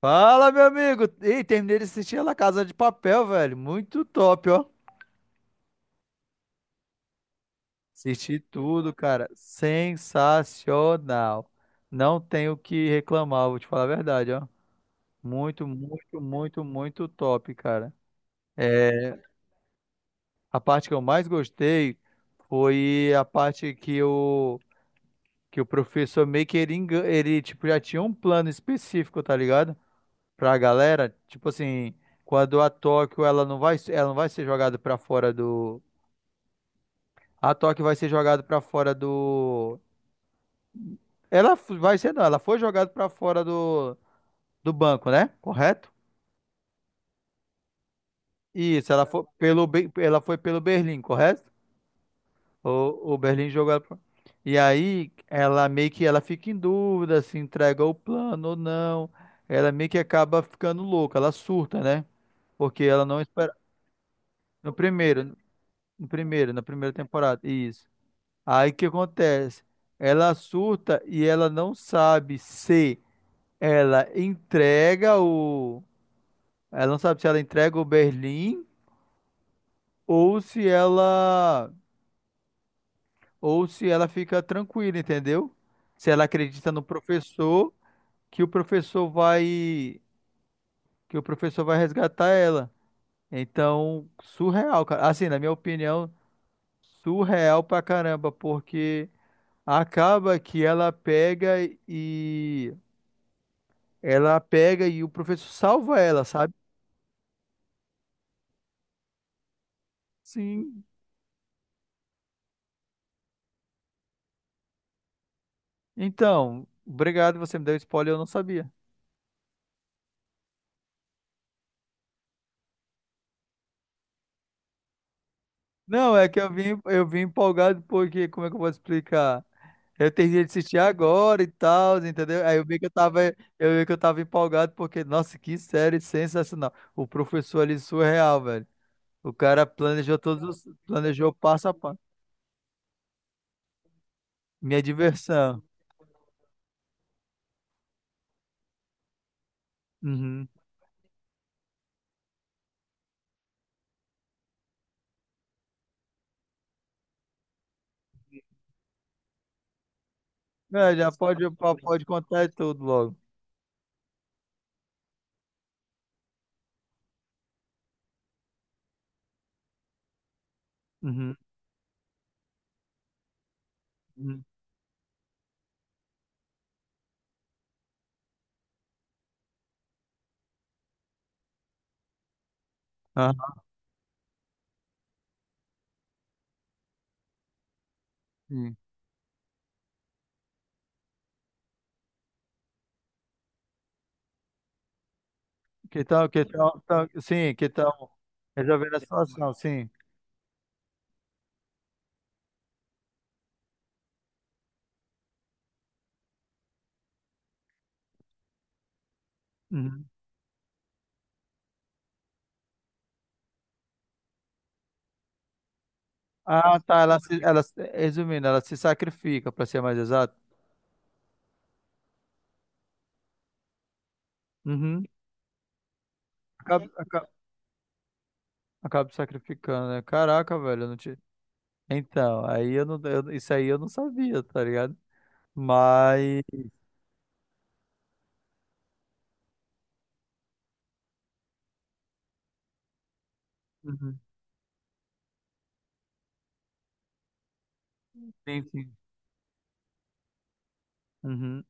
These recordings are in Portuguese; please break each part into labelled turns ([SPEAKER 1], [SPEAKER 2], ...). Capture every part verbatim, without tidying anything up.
[SPEAKER 1] Fala, meu amigo! Ei, terminei de assistir a La Casa de Papel, velho. Muito top, ó. Assisti tudo, cara. Sensacional. Não tenho o que reclamar, vou te falar a verdade, ó. Muito, muito, muito, muito top, cara. É, a parte que eu mais gostei foi a parte que o, que o professor meio que ele, engan- ele, tipo, já tinha um plano específico, tá ligado? Pra galera, tipo assim, quando a Tóquio, ela não vai, ela não vai ser jogada pra fora do. A Tóquio vai ser jogada pra fora do. Ela f- vai ser, não, ela foi jogada pra fora do, do banco, né? Correto? Isso, ela foi pelo, Be- ela foi pelo Berlim, correto? O, o Berlim jogou ela pra... E aí, ela meio que ela fica em dúvida se entrega o plano ou não. Ela meio que acaba ficando louca, ela surta, né? Porque ela não espera. No primeiro, no primeiro, na primeira temporada, isso. Aí o que acontece? Ela surta e ela não sabe se. Ela entrega o. Ela não sabe se ela entrega o Berlim ou se ela. Ou se ela fica tranquila, entendeu? Se ela acredita no professor, que o professor vai. Que o professor vai resgatar ela. Então, surreal, cara. Assim, na minha opinião, surreal pra caramba, porque acaba que ela pega e. Ela pega e o professor salva ela, sabe? Sim. Então, obrigado, você me deu spoiler, eu não sabia. Não, é que eu vim, eu vim empolgado porque, como é que eu vou explicar? Eu terminei de assistir agora e tal, entendeu? Aí eu vi que eu tava, eu vi que eu tava empolgado porque, nossa, que série sensacional. O professor ali surreal, velho. O cara planejou todos os, planejou passo a passo. Minha diversão. Uhum. É, já pode, pode contar tudo logo. Uhum. Uhum. Aham, sim. Que tal, que tal, tal- sim, que tal resolver a situação, sim. Uhum. Ah, tá. Ela, se, ela, se- Resumindo, ela se sacrifica, pra ser mais exato. Uhum. Acaba, acaba, acaba se sacrificando, né? Caraca, velho, eu não tinha. Então, aí eu não, eu- isso aí eu não sabia, tá ligado? Mas. Uhum. Sim, sim. Uhum.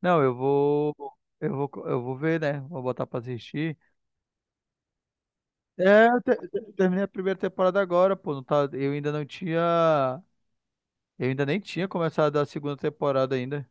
[SPEAKER 1] Não, eu vou, eu vou, eu vou ver, né? Vou botar pra assistir. É, eu te- te- terminei a primeira temporada agora, pô. Não tá, eu ainda não tinha, eu ainda nem tinha começado a segunda temporada ainda.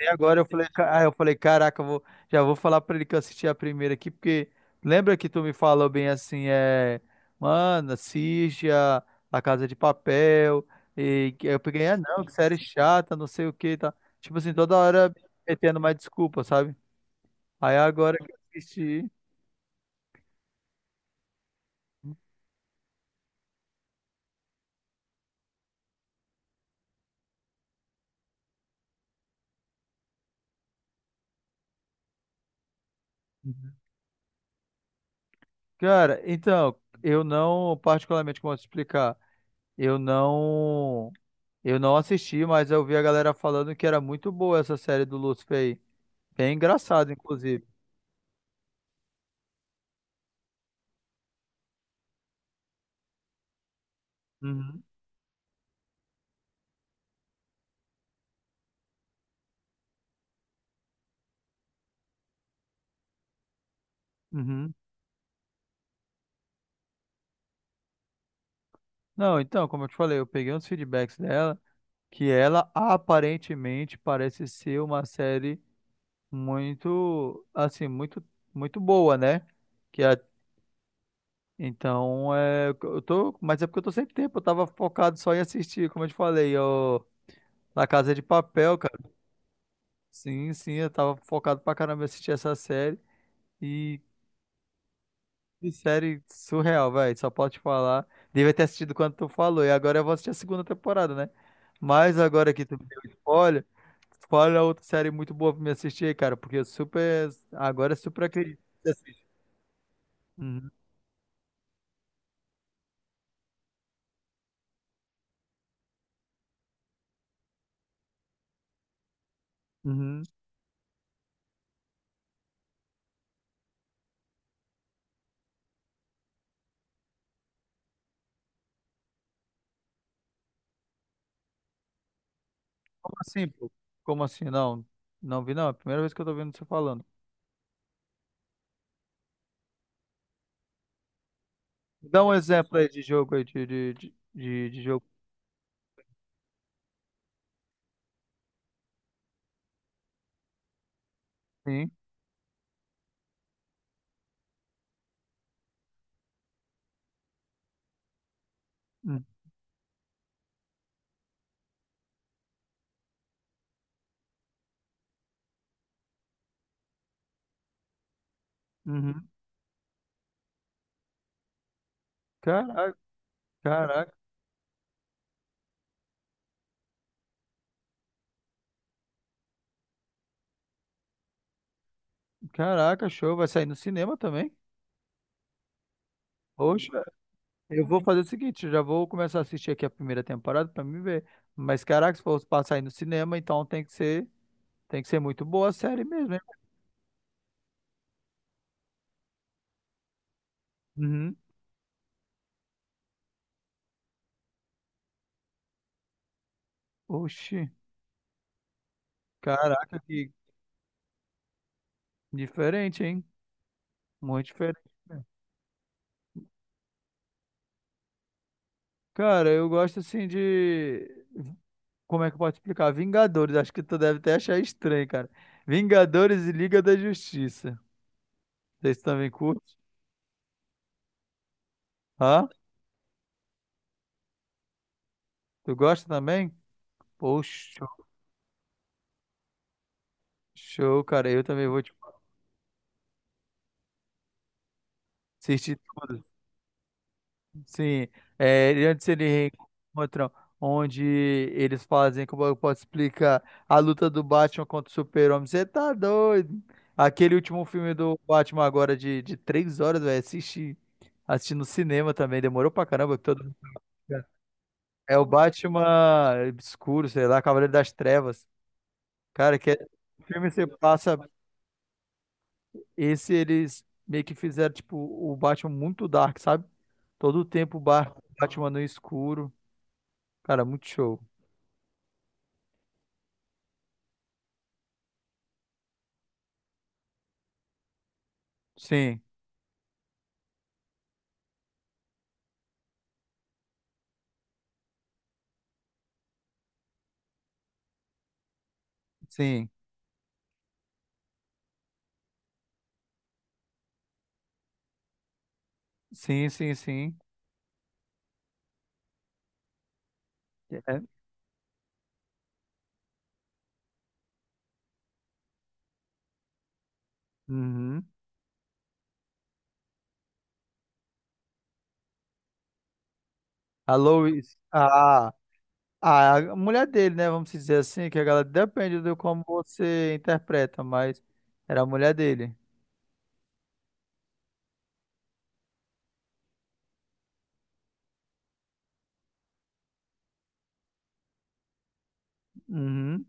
[SPEAKER 1] E agora eu falei, ca- ah, eu falei, caraca, eu vou, já vou falar pra ele que eu assisti a primeira aqui, porque lembra que tu me falou bem assim, é, mano, assiste a, a Casa de Papel, e que eu peguei, ah, não, que série chata, não sei o que, tá. Tipo assim, toda hora metendo mais desculpa, sabe? Aí agora que eu assisti, uhum. Cara, então, eu não, particularmente, como eu te explicar, eu não, eu não assisti, mas eu vi a galera falando que era muito boa essa série do Lucifer aí. Bem engraçado, inclusive. Uhum, uhum. Não, então, como eu te falei, eu peguei uns feedbacks dela, que ela aparentemente parece ser uma série muito, assim, muito, muito boa, né? Que a- então, é, eu tô, mas é porque eu tô sem tempo, eu tava focado só em assistir, como eu te falei, eu, La Casa de Papel, cara. Sim, sim, eu tava focado pra caramba em assistir essa série. E que série surreal, velho. Só posso te falar. Devia ter assistido quando tu falou. E agora eu vou assistir a segunda temporada, né? Mas agora que tu me deu spoiler, spoiler é outra série muito boa pra me assistir, aí, cara. Porque eu super. Agora eu super acredito que você assiste. Uhum, uhum. Como assim, pô? Como assim? Não. Não vi, não. É a primeira vez que eu tô vendo você falando. Dá um exemplo aí de jogo aí, de, de, de, de- de jogo. Sim. Uhum. Caraca, caraca, caraca, show. Vai sair no cinema também? Poxa. Eu vou fazer o seguinte, eu já vou começar a assistir aqui a primeira temporada pra me ver. Mas caraca, se for passar aí no cinema, então tem que ser, tem que ser muito boa a série mesmo, hein? Uhum. Oxi, caraca, que diferente, hein? Muito diferente mesmo. Cara, eu gosto assim de, como é que eu posso explicar? Vingadores, acho que tu deve até achar estranho, cara. Vingadores e Liga da Justiça. Vocês também curtem? Hã? Tu gosta também? Poxa, show, cara. Eu também vou te assistir tudo. Sim, é, ele- antes eles encontram onde eles fazem, como eu posso explicar, a luta do Batman contra o Super-Homem. Você tá doido? Aquele último filme do Batman agora de, de três horas, velho, assisti, assisti no cinema também, demorou pra caramba. Que todo mundo... É o Batman Obscuro, sei lá, Cavaleiro das Trevas. Cara, que é... o filme você passa, esse eles meio que fizeram, tipo, o Batman muito dark, sabe? Todo o tempo o Bar- Batman no escuro. Cara, muito show. Sim, sim, sim, sim, sim. É. Uhum. A Lois, a, a, A mulher dele, né? Vamos dizer assim, que a galera depende de como você interpreta, mas era a mulher dele. Uhum.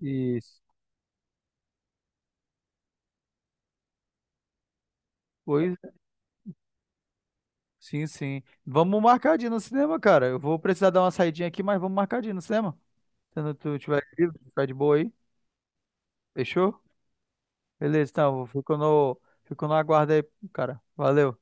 [SPEAKER 1] Isso. Pois, sim, sim. Vamos marcar de ir no cinema, cara. Eu vou precisar dar uma saidinha aqui, mas vamos marcar de ir no cinema. Se não tu tiver livre, tiver de boa aí. Fechou? Beleza, então, fico no, fico no aguardo aí, cara. Valeu.